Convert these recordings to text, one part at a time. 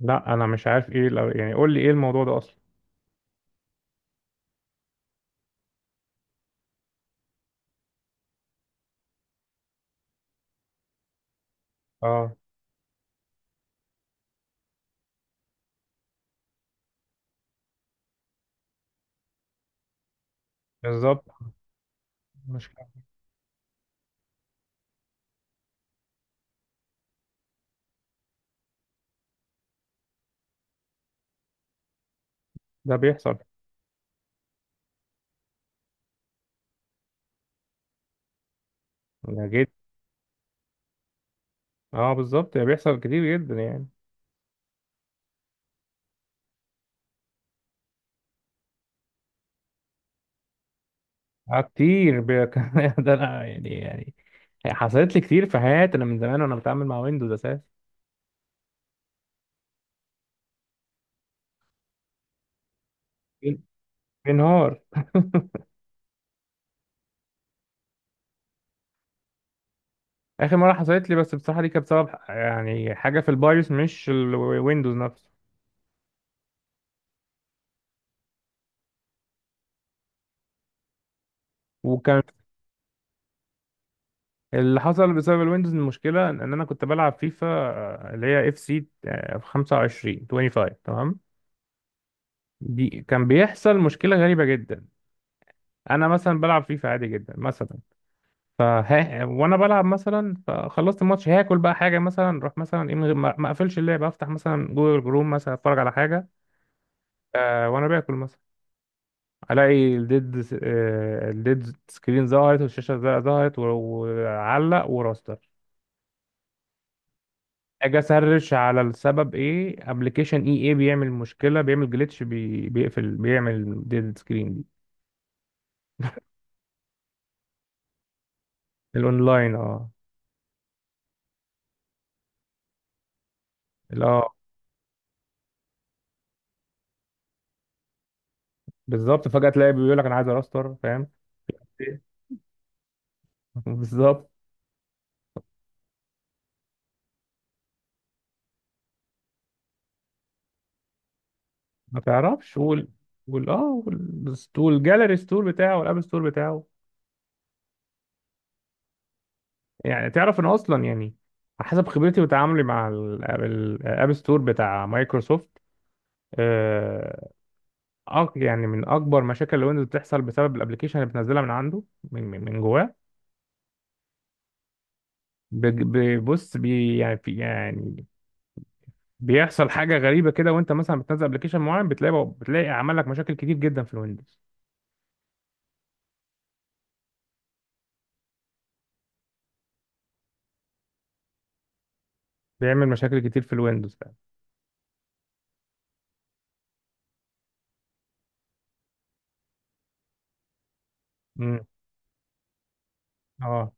لا، انا مش عارف ايه. لو يعني قول لي ايه الموضوع ده اصلا. اه، بالظبط. مش. ده بيحصل. ده جد؟ اه بالظبط، ده بيحصل كتير جدا يعني. كمان ده انا يعني حصلت لي كتير في حياتي. انا من زمان وانا بتعامل مع ويندوز اساسا. بين- بينهار. اخر مره حصلت لي، بس بصراحه دي كانت بسبب يعني حاجه في البايوس مش الويندوز نفسه. وكان اللي حصل بسبب الويندوز، المشكله ان انا كنت بلعب فيفا، اللي هي اف سي 25 تمام. دي كان بيحصل مشكلة غريبة جدا. أنا مثلا بلعب فيفا عادي جدا مثلا. فها وأنا بلعب مثلا، فخلصت الماتش، هاكل بقى حاجة مثلا، أروح مثلا إيه من غير ما أقفلش اللعبة، أفتح مثلا جوجل جروم مثلا أتفرج على حاجة. وأنا باكل مثلا، ألاقي الديد س- آه الديد سكرين ظهرت، والشاشة ظهرت وعلق وراستر. أجي أسرش على السبب، إيه أبلكيشن إيه بيعمل مشكلة، بيعمل جليتش، بيقفل، بيعمل ديد سكرين دي. الأونلاين، أه. بالظبط، فجأة تلاقي بيقول لك انا عايز راستر فاهم. إيه؟ بالظبط. ما تعرفش. والستور الجاليري ستور بتاعه والاب ستور بتاعه. يعني تعرف ان اصلا يعني حسب خبرتي وتعاملي مع الاب ستور بتاع مايكروسوفت. آه يعني من اكبر مشاكل الويندوز بتحصل بسبب الابلكيشن اللي بتنزلها من عنده. من جواه. بص. يعني في يعني بيحصل حاجه غريبه كده، وانت مثلا بتنزل ابلكيشن معين، بتلاقي عمل لك مشاكل كتير جدا في الويندوز. بيعمل مشاكل كتير في الويندوز فعلا. امم. اه،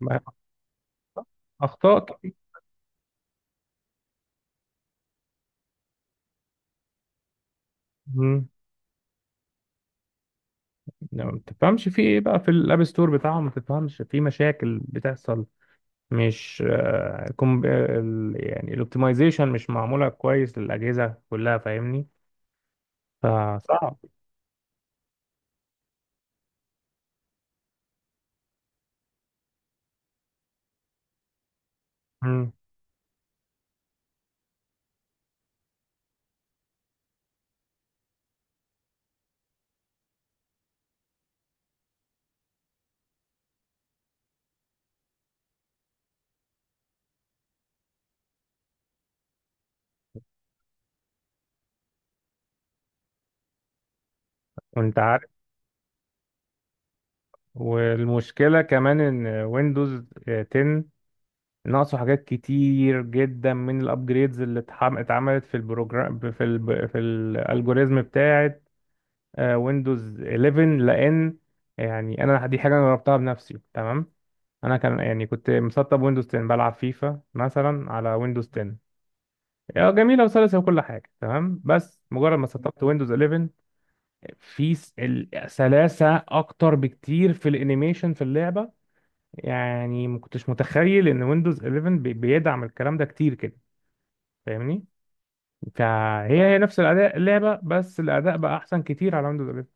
ما- اخطاء كتير. امم. يعني ما تفهمش في ايه بقى، في الاب ستور بتاعهم ما تفهمش في مشاكل بتحصل. مش يعني الاوبتمايزيشن مش معموله كويس للاجهزه كلها فاهمني. فصعب. امم. وانت عارف، والمشكله كمان ان ويندوز 10 ناقصه حاجات كتير جدا من الابجريدز اللي اتعملت في البروجرام في ال في الالجوريزم بتاعه ويندوز 11 لان. يعني انا دي حاجه انا جربتها بنفسي تمام. انا كان يعني كنت مسطب ويندوز 10 بلعب فيفا مثلا على ويندوز 10. اه، جميله وسلسه وكل حاجه تمام. بس مجرد ما سطبت ويندوز 11، في سلاسه اكتر بكتير في الانيميشن في اللعبه. يعني ما كنتش متخيل ان ويندوز 11 بيدعم الكلام ده كتير كده فاهمني. فهي هي نفس الاداء اللعبه، بس الاداء بقى احسن كتير على ويندوز 11.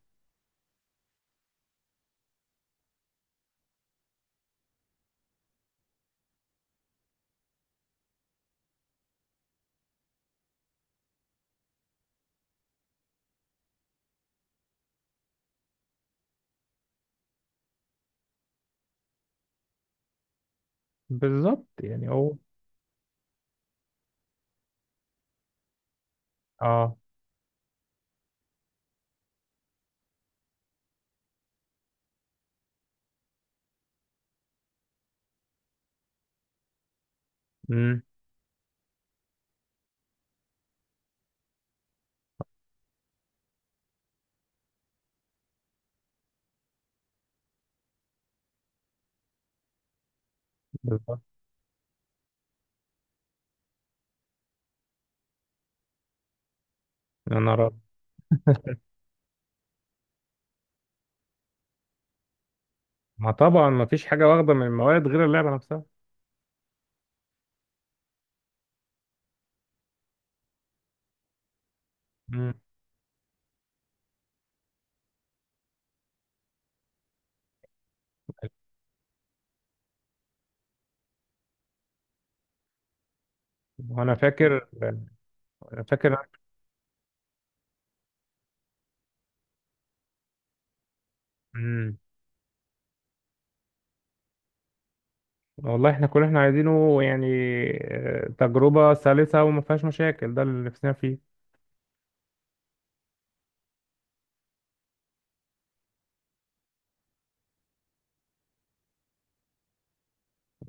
بالظبط يعني هو. اه، بالظبط. يا نهار أبيض. ما طبعا ما فيش حاجه واخده من المواد غير اللعبه نفسها. مم. وانا فاكر. أنا فاكر. مم. والله احنا كل اللي احنا عايزينه يعني تجربه سلسه وما فيهاش مشاكل، ده اللي نفسنا فيه.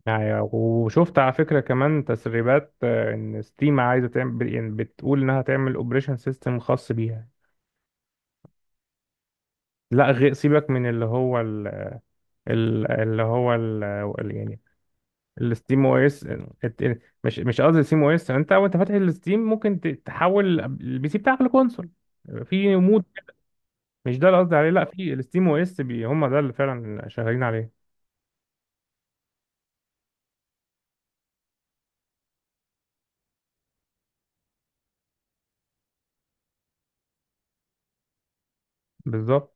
يعني وشفت على فكره كمان تسريبات، ان ستيم عايزه تعمل يعني بتقول انها تعمل اوبريشن سيستم خاص بيها. لا، غير سيبك من اللي هو ال... ال- اللي هو ال... يعني الستيم او اس. مش قصدي ستيم او اس. انت وانت فاتح الستيم ممكن تحول البي سي بتاعك لكونسول في مود. مش ده اللي قصدي عليه. لا، في الستيم او اس هم ده اللي فعلا شغالين عليه. بالظبط.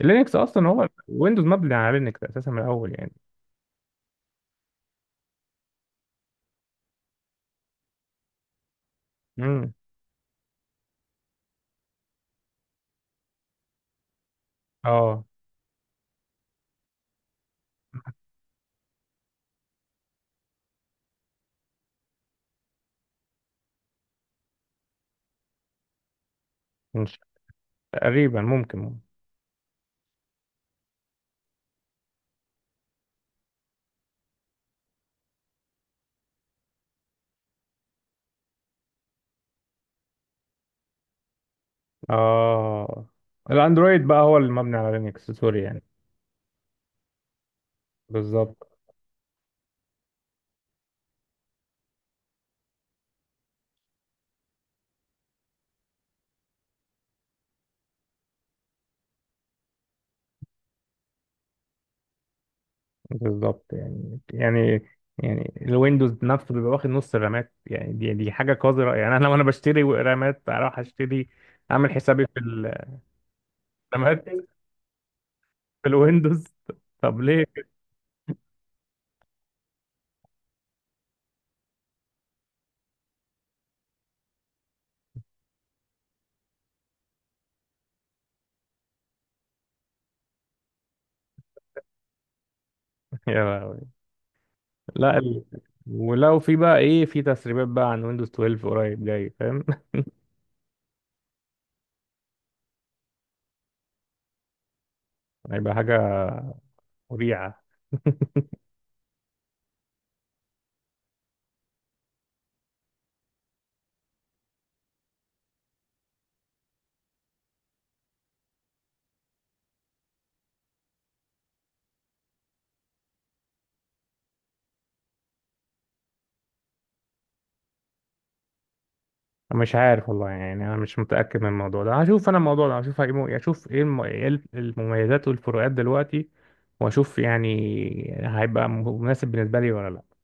لينكس اصلا هو ويندوز مبني على لينكس اساسا من الاول يعني. امم. اه مش، تقريبا ممكن. اه، الاندرويد بقى هو اللي مبني على لينكس، سوري يعني. بالظبط. بالظبط يعني يعني الويندوز نفسه بيبقى واخد نص الرامات يعني، دي حاجه قذره يعني، انا لو انا بشتري رامات اروح اشتري اعمل حسابي في الرامات في الويندوز. طب ليه؟ يا لهوي. لا ال... ولو في بقى ايه، في تسريبات بقى عن ويندوز 12 قريب جاي فاهم. هيبقى حاجه مريعه. مش عارف والله يعني، انا مش متاكد من الموضوع ده. هشوف انا الموضوع ده، هشوف اشوف ايه المميزات والفروقات دلوقتي، واشوف يعني هيبقى مناسب بالنسبه لي ولا لا.